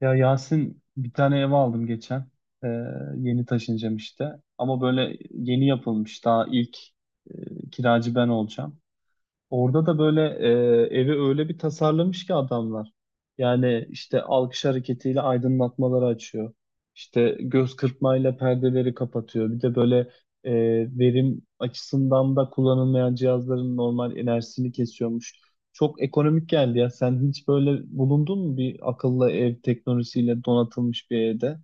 Ya Yasin bir tane ev aldım geçen. Ee, yeni taşınacağım işte. Ama böyle yeni yapılmış. Daha ilk kiracı ben olacağım. Orada da böyle evi öyle bir tasarlamış ki adamlar. Yani işte alkış hareketiyle aydınlatmaları açıyor. İşte göz kırpmayla perdeleri kapatıyor. Bir de böyle e, verim açısından da kullanılmayan cihazların normal enerjisini kesiyormuş. Çok ekonomik geldi ya. Sen hiç böyle bulundun mu bir akıllı ev teknolojisiyle donatılmış bir evde?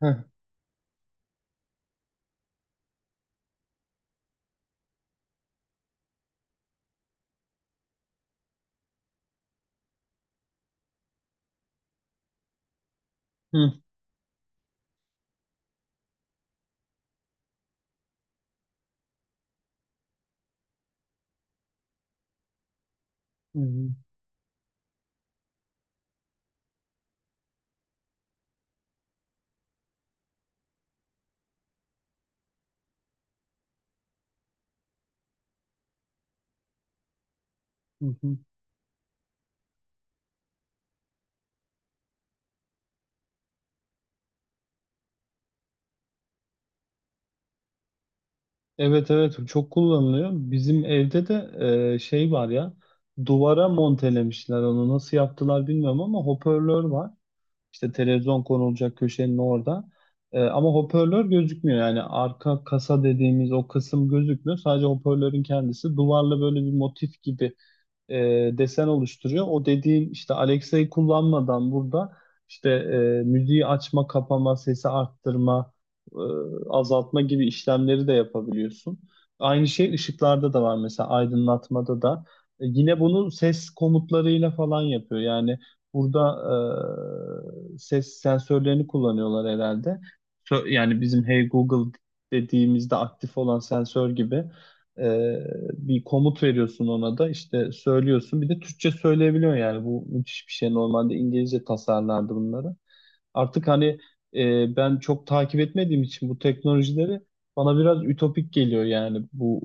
Heh. Hı. Hı hı. Hı hı. Evet, evet, çok kullanılıyor. Bizim evde de şey var ya, duvara montelemişler, onu nasıl yaptılar bilmiyorum ama hoparlör var. İşte televizyon konulacak köşenin orada. Ama hoparlör gözükmüyor yani arka kasa dediğimiz o kısım gözükmüyor. Sadece hoparlörün kendisi duvarla böyle bir motif gibi e, desen oluşturuyor. O dediğin işte Alexa'yı kullanmadan burada işte müziği açma, kapama, sesi arttırma, e, azaltma gibi işlemleri de yapabiliyorsun. Aynı şey ışıklarda da var mesela, aydınlatmada da. Yine bunu ses komutlarıyla falan yapıyor. Yani burada ses sensörlerini kullanıyorlar herhalde. Yani bizim Hey Google dediğimizde aktif olan sensör gibi. Ee, bir komut veriyorsun, ona da işte söylüyorsun. Bir de Türkçe söyleyebiliyor yani, bu müthiş bir şey. Normalde İngilizce tasarlardı bunları. Artık hani ben çok takip etmediğim için bu teknolojileri bana biraz ütopik geliyor yani bu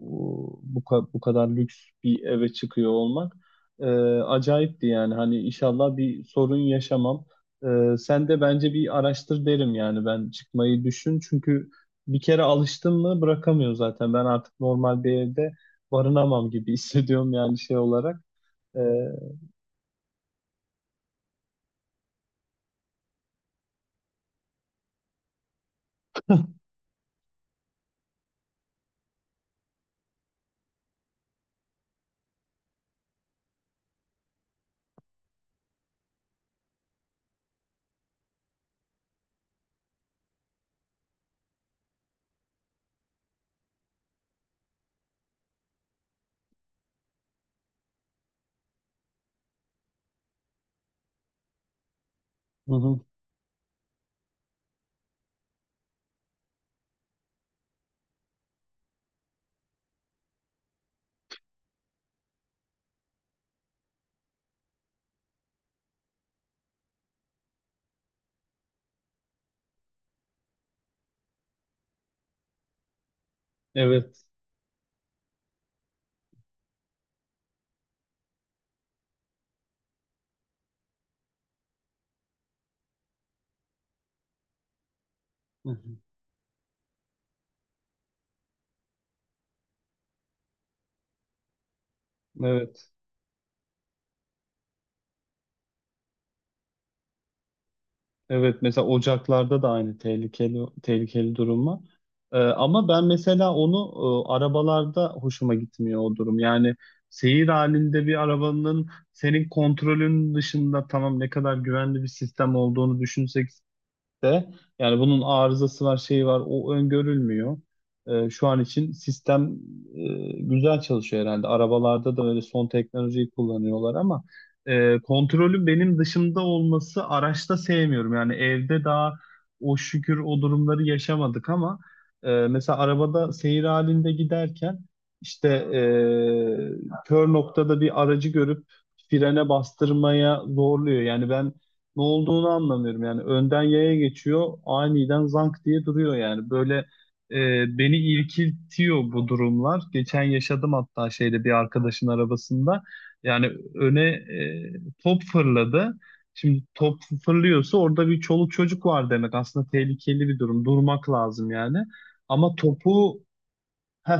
bu, ka- bu kadar lüks bir eve çıkıyor olmak. E, acayipti yani, hani inşallah bir sorun yaşamam. Sen de bence bir araştır derim yani, ben çıkmayı düşün, çünkü bir kere alıştın mı bırakamıyor zaten. Ben artık normal bir evde barınamam gibi hissediyorum yani, şey olarak. E, hı hı, evet. Hı hı, evet. Evet, mesela ocaklarda da aynı tehlikeli tehlikeli durum var. Ama ben mesela onu arabalarda hoşuma gitmiyor o durum. Yani seyir halinde bir arabanın senin kontrolün dışında, tamam ne kadar güvenli bir sistem olduğunu düşünsek de yani bunun arızası var, şeyi var, o öngörülmüyor. Şu an için sistem güzel çalışıyor herhalde. Arabalarda da öyle son teknolojiyi kullanıyorlar ama kontrolün benim dışımda olması, araçta sevmiyorum. Yani evde daha o şükür o durumları yaşamadık ama mesela arabada seyir halinde giderken işte kör noktada bir aracı görüp frene bastırmaya zorluyor. Yani ben ne olduğunu anlamıyorum. Yani önden yaya geçiyor, aniden zank diye duruyor yani. Böyle beni irkiltiyor bu durumlar. Geçen yaşadım hatta şeyde, bir arkadaşın arabasında. Yani öne top fırladı. Şimdi top fırlıyorsa orada bir çoluk çocuk var demek. Aslında tehlikeli bir durum. Durmak lazım yani. Ama topu heh,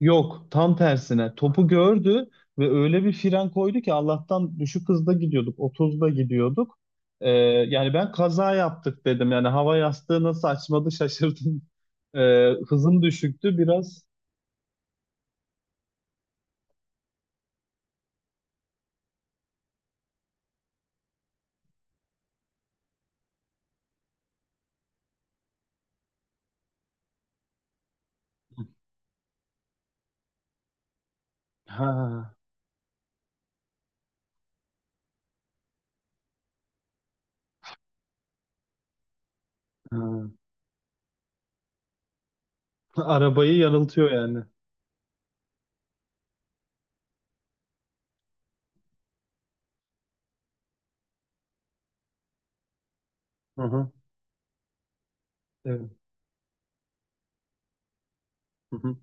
Yok, tam tersine. Topu gördü ve öyle bir fren koydu ki, Allah'tan düşük hızda gidiyorduk, 30'da gidiyorduk. Ee, yani ben kaza yaptık dedim. Yani hava yastığı nasıl açmadı şaşırdım. Hızım düşüktü biraz. Ha, ha. Arabayı yarıltıyor yani. Hı hı. Evet. Hı hı.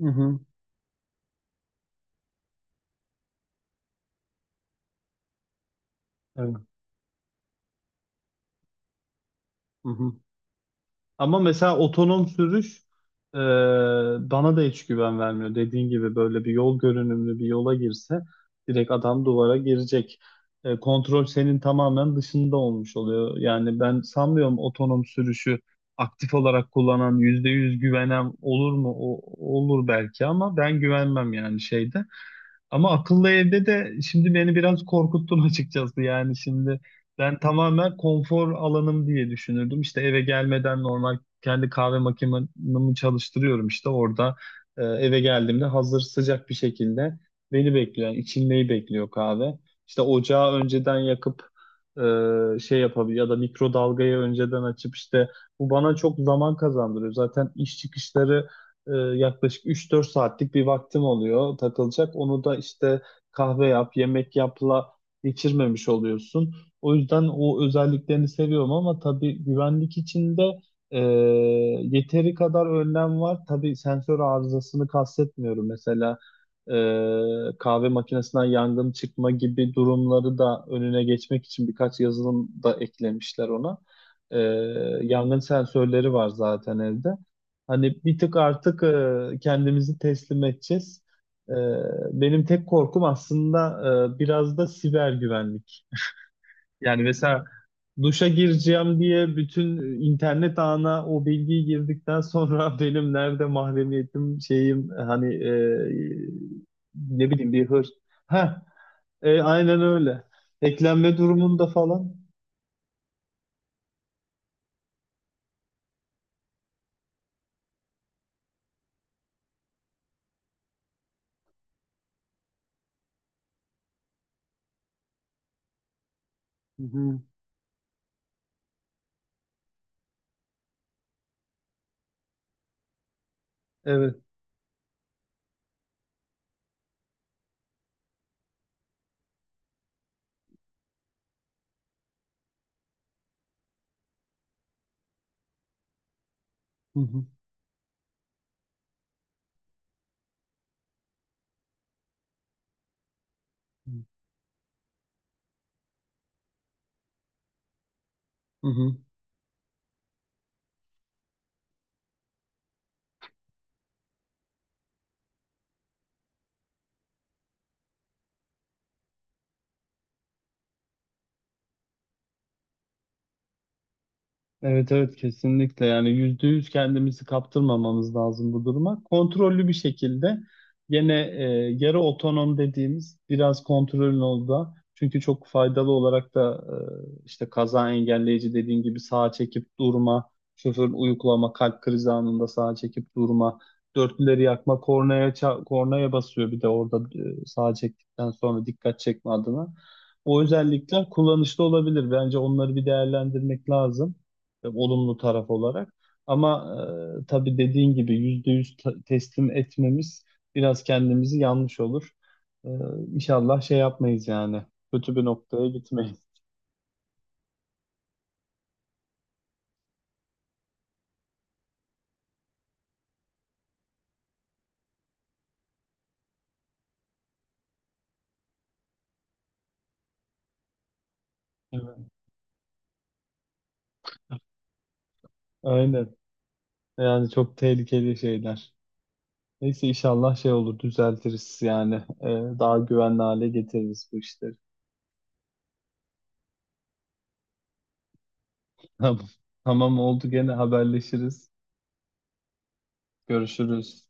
Hı hı. Evet. Hı hı. Ama mesela otonom sürüş e, bana da hiç güven vermiyor. Dediğin gibi böyle bir yol görünümlü bir yola girse direkt adam duvara girecek. Kontrol senin tamamen dışında olmuş oluyor. Yani ben sanmıyorum, otonom sürüşü aktif olarak kullanan, %100 güvenen olur mu? Olur belki ama ben güvenmem yani, şeyde. Ama akıllı evde de şimdi beni biraz korkuttun açıkçası. Yani şimdi ben tamamen konfor alanım diye düşünürdüm. İşte eve gelmeden normal kendi kahve makinemi çalıştırıyorum işte orada. Eve geldiğimde hazır sıcak bir şekilde beni bekliyor. Yani içilmeyi bekliyor kahve. İşte ocağı önceden yakıp şey yapabiliyor, ya da mikrodalgayı önceden açıp işte, bu bana çok zaman kazandırıyor. Zaten iş çıkışları e, yaklaşık 3-4 saatlik bir vaktim oluyor takılacak. Onu da işte kahve yap, yemek yapla geçirmemiş oluyorsun. O yüzden o özelliklerini seviyorum ama tabii güvenlik içinde e, yeteri kadar önlem var. Tabii sensör arızasını kastetmiyorum. Mesela kahve makinesinden yangın çıkma gibi durumları da önüne geçmek için birkaç yazılım da eklemişler ona. E, yangın sensörleri var zaten evde. Hani bir tık artık kendimizi teslim edeceğiz. E, benim tek korkum aslında biraz da siber güvenlik. Yani mesela duşa gireceğim diye bütün internet ağına o bilgiyi girdikten sonra benim nerede mahremiyetim, şeyim hani ne bileyim, bir hır. Heh, aynen öyle. Eklenme durumunda falan. Hı hı, evet. Hı hı, hı hı. Evet, evet, kesinlikle yani %100 kendimizi kaptırmamamız lazım bu duruma. Kontrollü bir şekilde gene yarı otonom dediğimiz biraz kontrolün olduğu, çünkü çok faydalı olarak da işte kaza engelleyici dediğin gibi, sağa çekip durma, şoför uyuklama, kalp krizi anında sağa çekip durma, dörtlüleri yakma, kornaya kornaya basıyor bir de orada, sağa çektikten sonra dikkat çekme adına. O özellikler kullanışlı olabilir. Bence onları bir değerlendirmek lazım olumlu taraf olarak. Ama tabii dediğin gibi %100 teslim etmemiz biraz kendimizi, yanlış olur. E, İnşallah şey yapmayız yani. Kötü bir noktaya gitmeyiz. Evet. Aynen. Yani çok tehlikeli şeyler. Neyse inşallah şey olur, düzeltiriz yani. E, daha güvenli hale getiririz bu işleri. Tamam. Tamam, oldu, gene haberleşiriz. Görüşürüz.